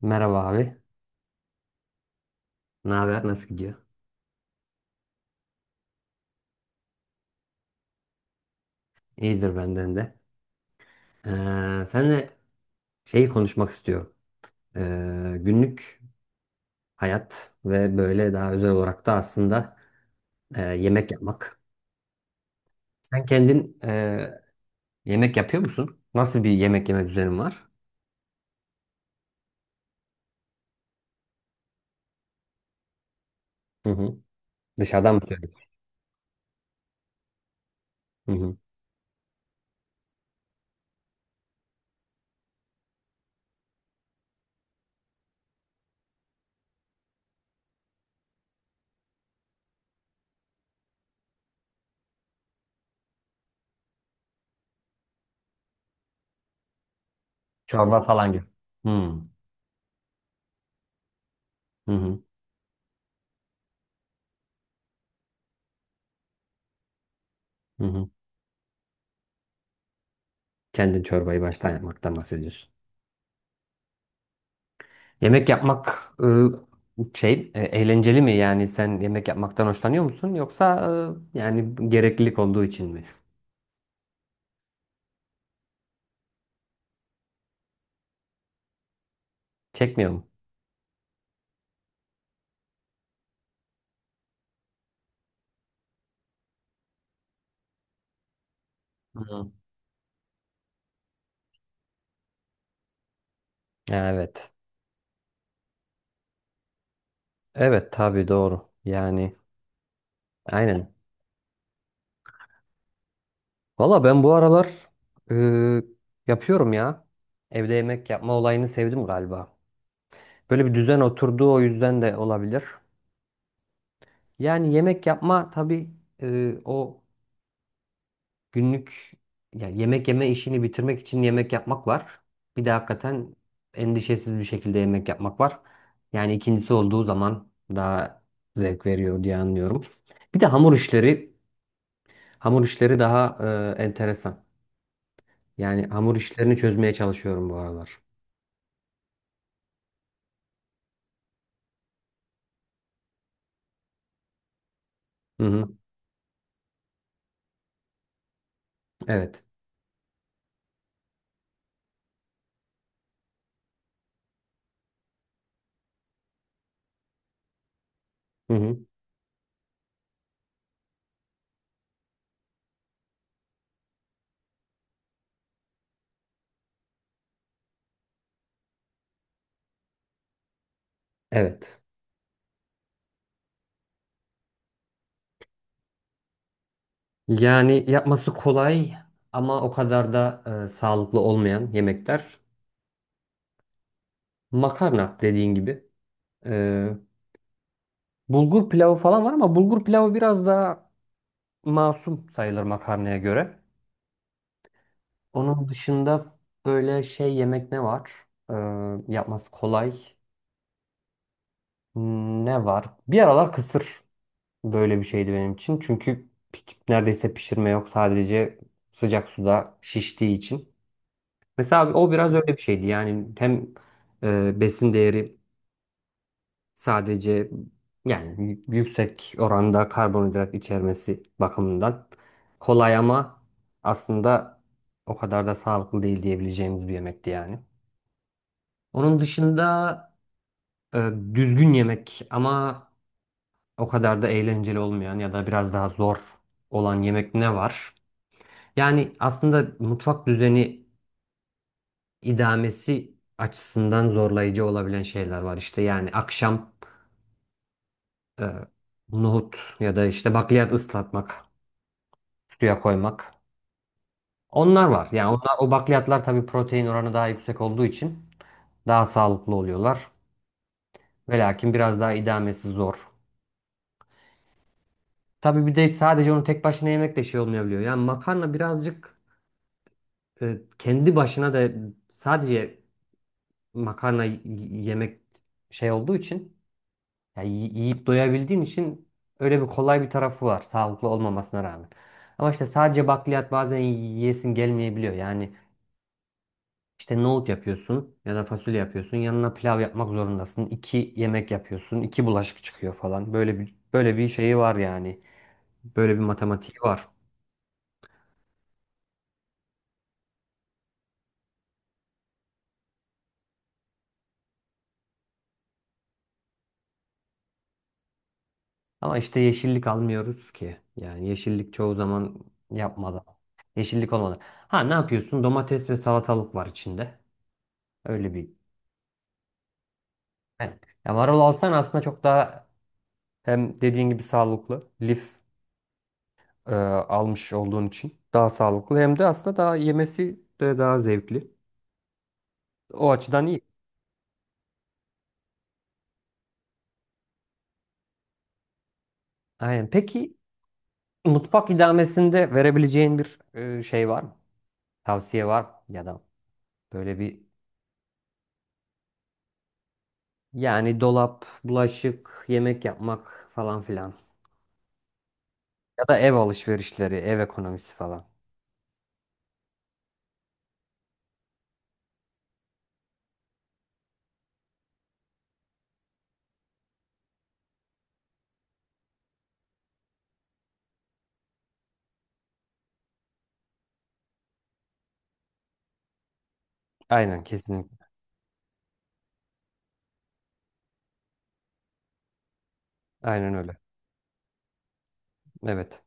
Merhaba abi. Ne haber? Nasıl gidiyor? İyidir benden de. Seninle şeyi konuşmak istiyorum. Günlük hayat ve böyle daha özel olarak da aslında yemek yapmak. Sen kendin yemek yapıyor musun? Nasıl bir yemek yeme düzenin var? Hı hı. Dışarıdan mı söylüyorsun? Hı hı. Çorba falan gibi. Hı hı. Hı hı. Hı hı. Kendin çorbayı baştan yapmaktan bahsediyorsun. Yemek yapmak, şey, eğlenceli mi? Yani sen yemek yapmaktan hoşlanıyor musun? Yoksa yani gereklilik olduğu için mi? Çekmiyor mu? Hı. Ya, evet. Evet, tabii doğru. Yani aynen. Valla ben bu aralar e, yapıyorum ya. Evde yemek yapma olayını sevdim galiba. Böyle bir düzen oturduğu o yüzden de olabilir. Yani yemek yapma tabii, o günlük, yani yemek yeme işini bitirmek için yemek yapmak var. Bir de hakikaten endişesiz bir şekilde yemek yapmak var. Yani ikincisi olduğu zaman daha zevk veriyor diye anlıyorum. Bir de hamur işleri, hamur işleri daha enteresan. Yani hamur işlerini çözmeye çalışıyorum bu aralar. Hı hı. Evet. Hı hı. Evet. Yani yapması kolay ama o kadar da sağlıklı olmayan yemekler. Makarna dediğin gibi. e, Bulgur pilavı falan var ama bulgur pilavı biraz daha masum sayılır makarnaya göre. Onun dışında böyle şey yemek ne var? Ee, yapması kolay. Ne var? Bir aralar kısır böyle bir şeydi benim için. Çünkü hiç neredeyse pişirme yok. Sadece sıcak suda şiştiği için. Mesela o biraz öyle bir şeydi. Yani hem besin değeri, sadece yani yüksek oranda karbonhidrat içermesi bakımından kolay ama aslında o kadar da sağlıklı değil diyebileceğimiz bir yemekti yani. Onun dışında düzgün yemek ama o kadar da eğlenceli olmayan ya da biraz daha zor olan yemek ne var? Yani aslında mutfak düzeni idamesi açısından zorlayıcı olabilen şeyler var. İşte yani akşam e, nohut ya da işte bakliyat ıslatmak, suya koymak. Onlar var. Yani onlar, o bakliyatlar tabii protein oranı daha yüksek olduğu için daha sağlıklı oluyorlar. Ve lakin biraz daha idamesi zor. Tabii bir de sadece onu tek başına yemek de şey olmayabiliyor. Yani makarna birazcık kendi başına da sadece makarna yemek şey olduğu için yani yiyip doyabildiğin için öyle bir kolay bir tarafı var sağlıklı olmamasına rağmen. Ama işte sadece bakliyat bazen yiyesin gelmeyebiliyor. Yani İşte nohut yapıyorsun ya da fasulye yapıyorsun. Yanına pilav yapmak zorundasın. İki yemek yapıyorsun, iki bulaşık çıkıyor falan. Böyle bir şeyi var yani. Böyle bir matematiği var. Ama işte yeşillik almıyoruz ki. Yani yeşillik çoğu zaman yapmadan. Yeşillik olmadan. Ha, ne yapıyorsun? Domates ve salatalık var içinde. Öyle bir. Yani, ya marul alsan aslında çok daha, hem dediğin gibi sağlıklı. Lif almış olduğun için daha sağlıklı, hem de aslında daha yemesi de daha zevkli. O açıdan iyi. Aynen. Peki mutfak idamesinde verebileceğin bir şey var mı? Tavsiye var mı? Ya da böyle bir, yani dolap, bulaşık, yemek yapmak falan filan. Ya da ev alışverişleri, ev ekonomisi falan. Aynen, kesinlikle. Aynen öyle. Evet.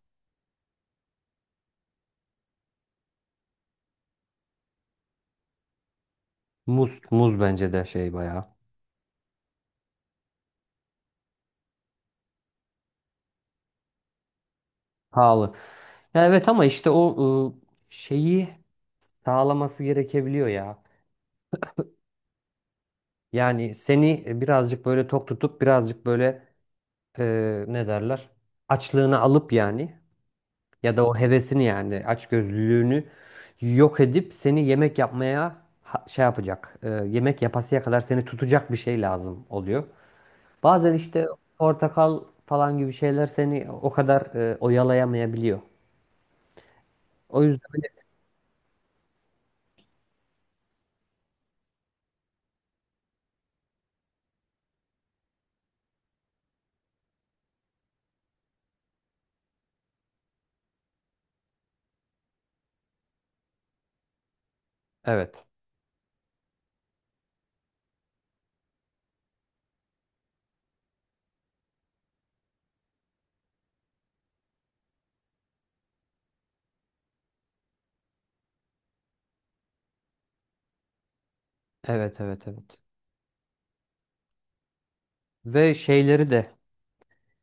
Muz, muz bence de şey, bayağı pahalı. Ya, evet, ama işte o şeyi sağlaması gerekebiliyor ya. Yani seni birazcık böyle tok tutup birazcık böyle, ne derler? Açlığını alıp yani, ya da o hevesini, yani açgözlülüğünü yok edip seni yemek yapmaya şey yapacak. Yemek yapasıya kadar seni tutacak bir şey lazım oluyor. Bazen işte portakal falan gibi şeyler seni o kadar oyalayamayabiliyor. O yüzden evet. Evet, evet, evet. Ve şeyleri de,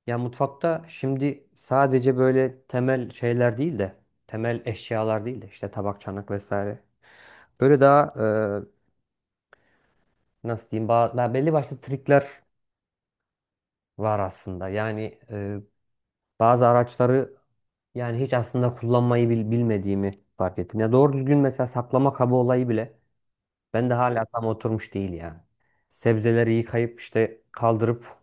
ya mutfakta şimdi sadece böyle temel şeyler değil de, temel eşyalar değil de işte tabak, çanak vesaire. Böyle daha, nasıl diyeyim, daha belli başlı trikler var aslında. Yani bazı araçları, yani hiç aslında kullanmayı bilmediğimi fark ettim. Ya doğru düzgün, mesela saklama kabı olayı bile ben de hala tam oturmuş değil yani. Sebzeleri yıkayıp işte kaldırıp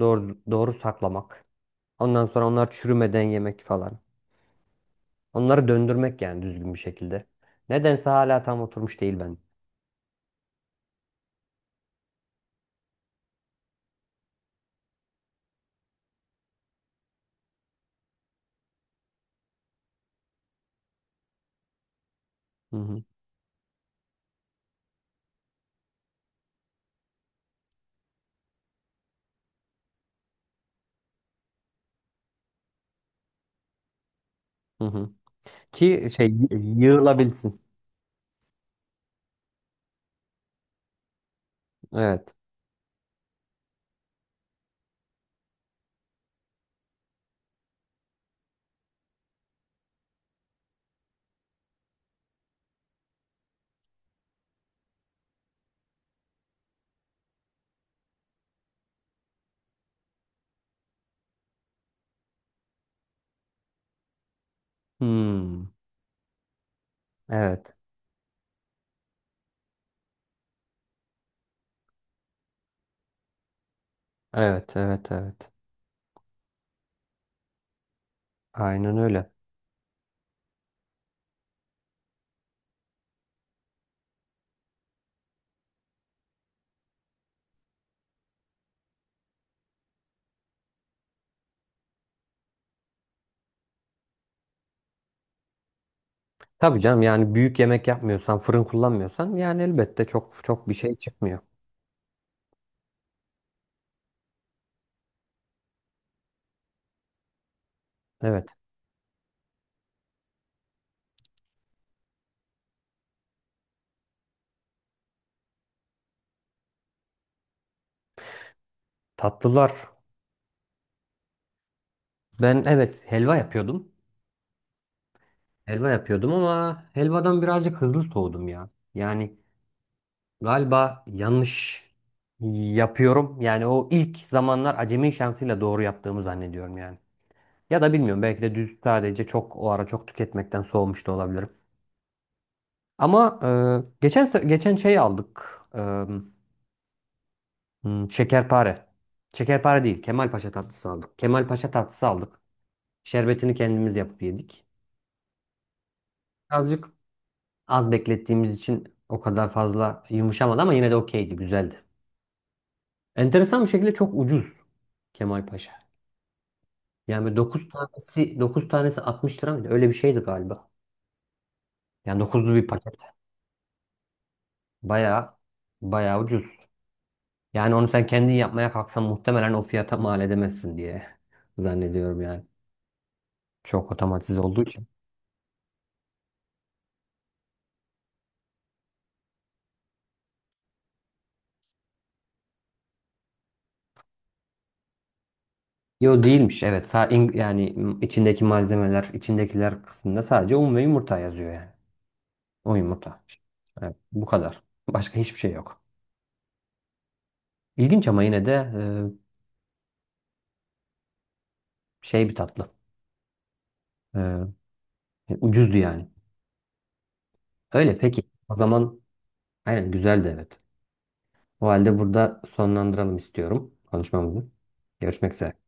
doğru doğru saklamak. Ondan sonra onlar çürümeden yemek falan. Onları döndürmek yani, düzgün bir şekilde. Nedense hala tam oturmuş değil ben. Hı hı, hı hı. Ki şey yığılabilsin. Evet. Hmm. Evet. Evet, evet, evet. Aynen öyle. Tabii canım, yani büyük yemek yapmıyorsan, fırın kullanmıyorsan yani elbette çok çok bir şey çıkmıyor. Evet. Tatlılar. Ben evet, helva yapıyordum. Helva yapıyordum ama helvadan birazcık hızlı soğudum ya. Yani galiba yanlış yapıyorum. Yani o ilk zamanlar acemi şansıyla doğru yaptığımı zannediyorum yani. Ya da bilmiyorum, belki de düz sadece çok o ara çok tüketmekten soğumuş da olabilirim. Ama geçen geçen şey aldık. Şekerpare. Şekerpare değil. Kemalpaşa tatlısı aldık. Kemalpaşa tatlısı aldık. Şerbetini kendimiz yapıp yedik. Azıcık az beklettiğimiz için o kadar fazla yumuşamadı ama yine de okeydi, güzeldi. Enteresan bir şekilde çok ucuz Kemalpaşa. Yani dokuz tanesi, 9 tanesi 60 lira mıydı? Öyle bir şeydi galiba. Yani dokuzlu bir paket. Bayağı bayağı ucuz. Yani onu sen kendin yapmaya kalksan muhtemelen o fiyata mal edemezsin diye zannediyorum yani. Çok otomatize olduğu için. Yo, değilmiş, evet. Yani içindeki malzemeler, içindekiler kısmında sadece un ve yumurta yazıyor yani. O yumurta. Evet, bu kadar. Başka hiçbir şey yok. İlginç, ama yine de şey bir tatlı. E, e, Ucuzdu yani. Öyle peki. O zaman aynen, güzeldi evet. O halde burada sonlandıralım istiyorum konuşmamızı. Görüşmek üzere.